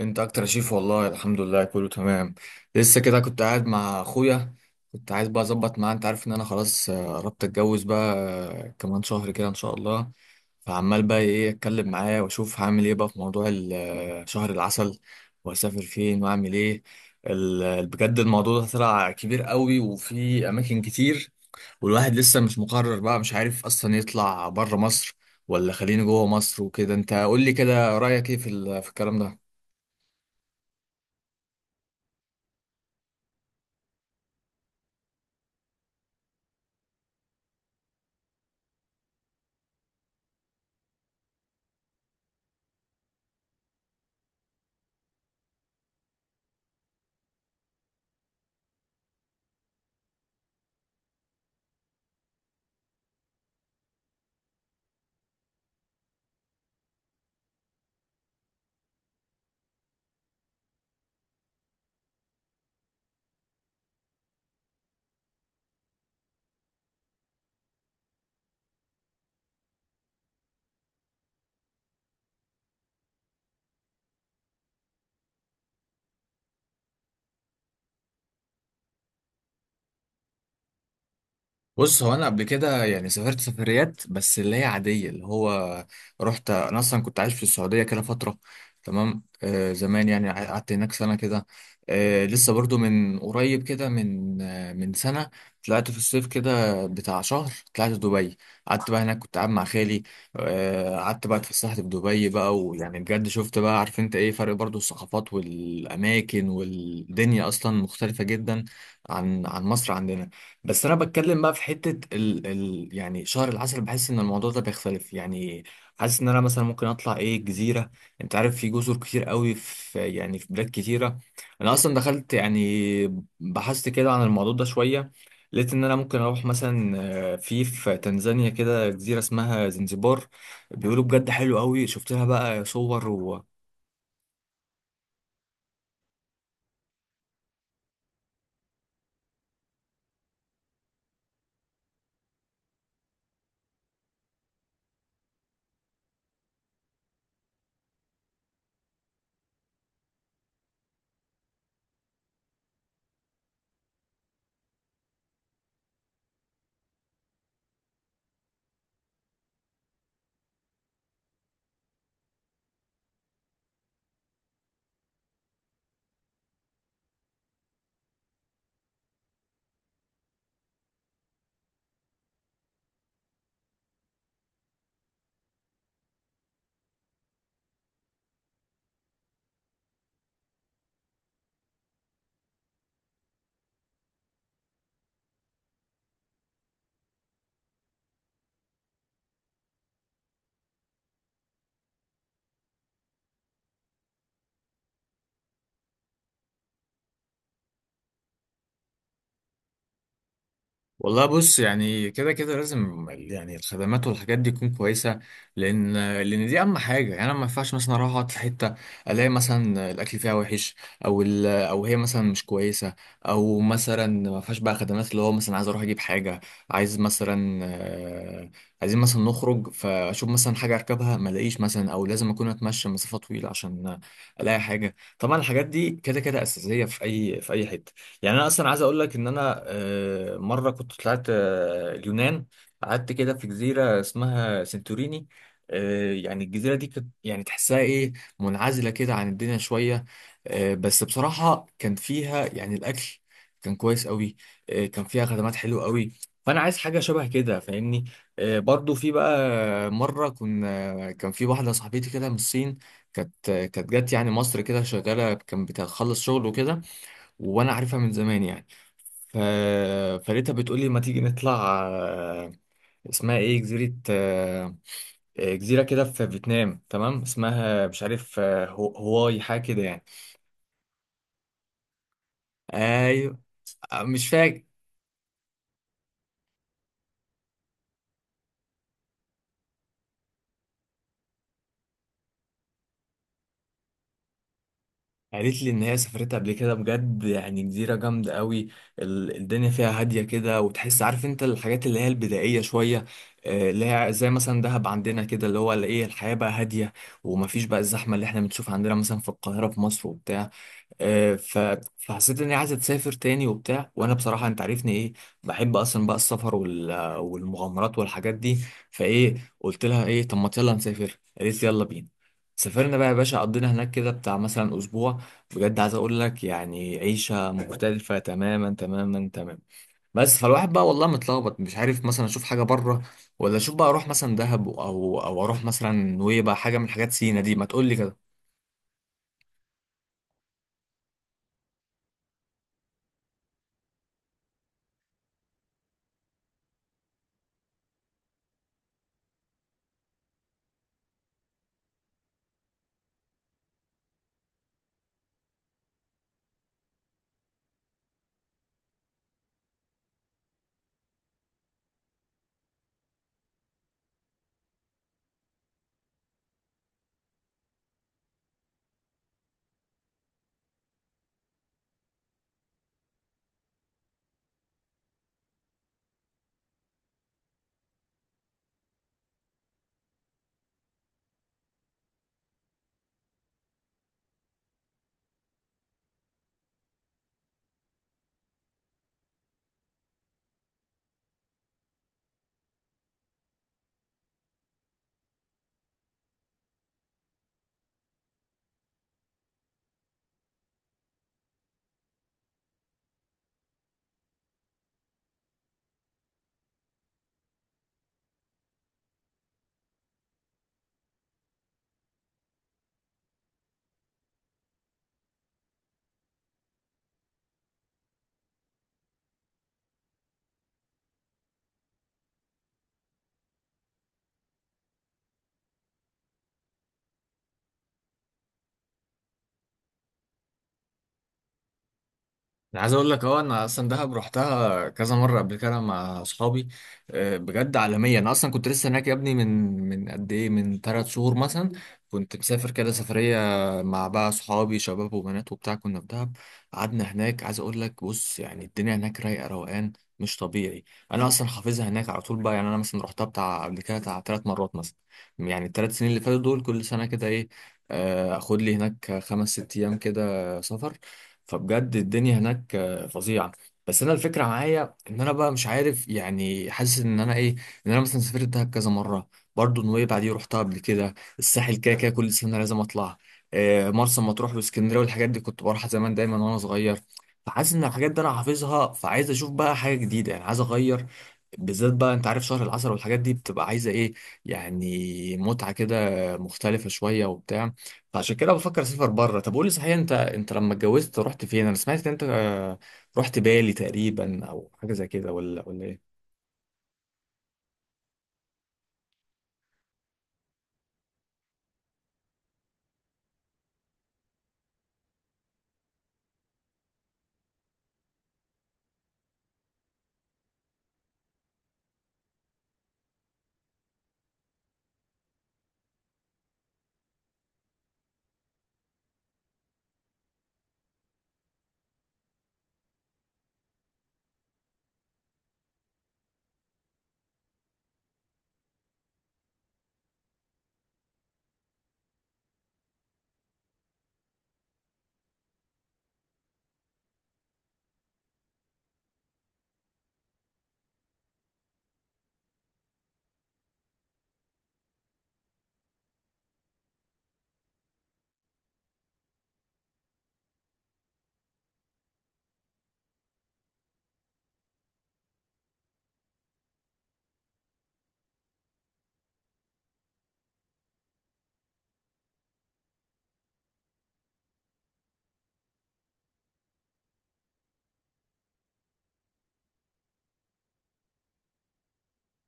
انت اكتر يا شيف، والله الحمد لله كله تمام. لسه كده كنت قاعد مع اخويا. كنت عايز بقى اظبط معاه، انت عارف ان انا خلاص، قربت اتجوز بقى. كمان شهر كده ان شاء الله. فعمال بقى ايه اتكلم معاه واشوف هعمل ايه بقى في موضوع شهر العسل، واسافر فين واعمل ايه. بجد الموضوع ده طلع كبير قوي وفي اماكن كتير، والواحد لسه مش مقرر بقى، مش عارف اصلا يطلع بره مصر ولا خليني جوه مصر وكده. انت قول لي كده رايك ايه في في الكلام ده؟ بص، هو انا قبل كده يعني سافرت سفريات بس اللي هي عاديه، اللي هو رحت انا، اصلا كنت عايش في السعوديه كده فتره. تمام، آه زمان، يعني قعدت هناك سنه كده. آه لسه برضو من قريب كده، من سنه. طلعت في الصيف كده بتاع شهر، طلعت دبي. قعدت بقى هناك، كنت قاعد مع خالي. آه قعدت بقى، اتفسحت في دبي بقى، ويعني بجد شفت بقى، عارف انت ايه؟ فرق برضو الثقافات والاماكن، والدنيا اصلا مختلفه جدا عن مصر عندنا. بس انا بتكلم بقى في حته ال يعني شهر العسل، بحس ان الموضوع ده بيختلف يعني. حاسس ان انا مثلا ممكن اطلع ايه، جزيره. انت عارف في جزر كتير قوي، في يعني في بلاد كتيره. انا اصلا دخلت يعني بحثت كده عن الموضوع ده شويه، لقيت ان انا ممكن اروح مثلا في تنزانيا كده جزيره اسمها زنزبار. بيقولوا بجد حلو قوي، شفت لها بقى صور. والله بص، يعني كده كده لازم يعني الخدمات والحاجات دي تكون كويسه، لان لان دي اهم حاجه. يعني انا ما ينفعش مثلا اروح اقعد في حته الاقي مثلا الاكل فيها وحش، او هي مثلا مش كويسه، او مثلا ما فيهاش بقى خدمات، اللي هو مثلا عايز اروح اجيب حاجه، عايز مثلا، عايزين مثلا نخرج، فاشوف مثلا حاجه اركبها ما الاقيش، مثلا او لازم اكون اتمشى مسافه طويله عشان الاقي حاجه. طبعا الحاجات دي كده كده اساسيه في اي حته. يعني انا اصلا عايز اقول لك ان انا، مره كنت طلعت اليونان، قعدت كده في جزيره اسمها سنتوريني. يعني الجزيره دي كانت يعني تحسها ايه، منعزله كده عن الدنيا شويه. بس بصراحه كان فيها يعني الاكل كان كويس قوي. كان فيها خدمات حلوه قوي. فانا عايز حاجه شبه كده، فاهمني. برضو في بقى مره كنا، كان في واحده صاحبتي كده من الصين، كانت جت يعني مصر كده شغاله، كان بتخلص شغل وكده، وانا عارفها من زمان يعني. ف... فلقيتها بتقول لي ما تيجي نطلع، اسمها ايه جزيرة، جزيرة كده في فيتنام، تمام اسمها مش عارف، هواي حاجة كده يعني. ايوه. مش فاكر. قالت لي ان هي سافرتها قبل كده، بجد يعني جزيرة جامدة قوي. الدنيا فيها هادية كده، وتحس عارف انت الحاجات اللي هي البدائية شوية، اللي هي زي مثلا دهب عندنا كده، اللي هو اللي ايه، الحياة بقى هادية، ومفيش بقى الزحمة اللي احنا بنشوفها عندنا مثلا في القاهرة في مصر وبتاع. آه، ف- فحسيت اني عايز اسافر تاني وبتاع، وانا بصراحه انت عارفني ايه، بحب اصلا بقى السفر وال- والمغامرات والحاجات دي. فايه، قلت لها ايه طب ما يلا نسافر، قالت لي يلا بينا. سافرنا بقى يا باشا، قضينا هناك كده بتاع مثلا اسبوع. بجد عايز اقول لك يعني عيشه مختلفه تماما تماما تماما. بس فالواحد بقى والله متلخبط، مش عارف مثلا اشوف حاجه بره، ولا اشوف بقى اروح مثلا دهب، او اروح مثلا نويبع، حاجه من حاجات سينا دي، ما تقول لي كده. انا عايز اقول لك اه، انا اصلا دهب رحتها كذا مره قبل كده مع اصحابي. بجد عالميه. انا اصلا كنت لسه هناك يا ابني، من قد ايه، من 3 شهور مثلا، كنت مسافر كده سفريه، مع بقى اصحابي شباب وبنات وبتاع، كنا في دهب. قعدنا هناك، عايز اقول لك، بص يعني الدنيا هناك رايقه روقان مش طبيعي. انا اصلا حافظها هناك على طول بقى، يعني انا مثلا رحتها بتاع قبل كده بتاع 3 مرات مثلا، يعني الثلاث سنين اللي فاتوا دول كل سنه كده ايه، اخد لي هناك 5-6 ايام كده سفر. فبجد الدنيا هناك فظيعه. بس انا الفكره معايا ان انا بقى مش عارف، يعني حاسس ان انا ايه، ان انا مثلا سافرت دهب كذا مره، برضه نويبع دي رحتها قبل كده، الساحل كده كده كل سنه لازم اطلع، مرسى مطروح واسكندريه والحاجات دي كنت بروحها زمان دايما وانا صغير. فحاسس ان الحاجات دي انا حافظها، فعايز اشوف بقى حاجه جديده يعني، عايز اغير، بالذات بقى انت عارف شهر العسل والحاجات دي بتبقى عايزه ايه، يعني متعه كده مختلفه شويه وبتاع. فعشان كده بفكر اسافر بره. طب قولي صحيح، انت لما اتجوزت رحت فين؟ انا سمعت ان انت رحت بالي تقريبا، او حاجه زي كده ولا ايه؟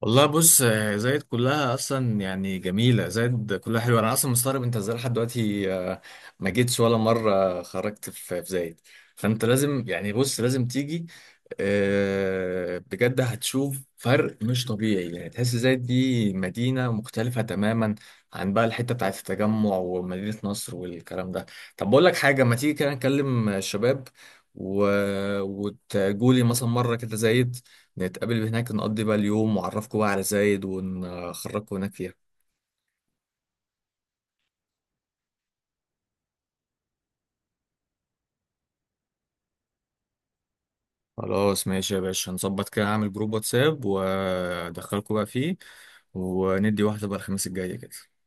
والله بص، زايد كلها اصلا يعني جميله، زايد كلها حلوه. انا اصلا مستغرب انت ازاي لحد دلوقتي ما جيتش ولا مره، خرجت في زايد. فانت لازم، يعني بص لازم تيجي. بجد هتشوف فرق مش طبيعي، يعني تحس زايد دي مدينه مختلفه تماما عن بقى الحته بتاعت التجمع ومدينه نصر والكلام ده. طب بقول لك حاجه، ما تيجي كده نكلم الشباب و... وتجولي مثلا مره كده زايد، نتقابل هناك، نقضي بقى اليوم، وأعرفكوا بقى على زايد ونخرجكوا هناك فيها. خلاص ماشي يا باشا، نظبط كده، أعمل جروب واتساب وأدخلكوا بقى فيه، وندي واحدة بقى الخميس الجاي كده.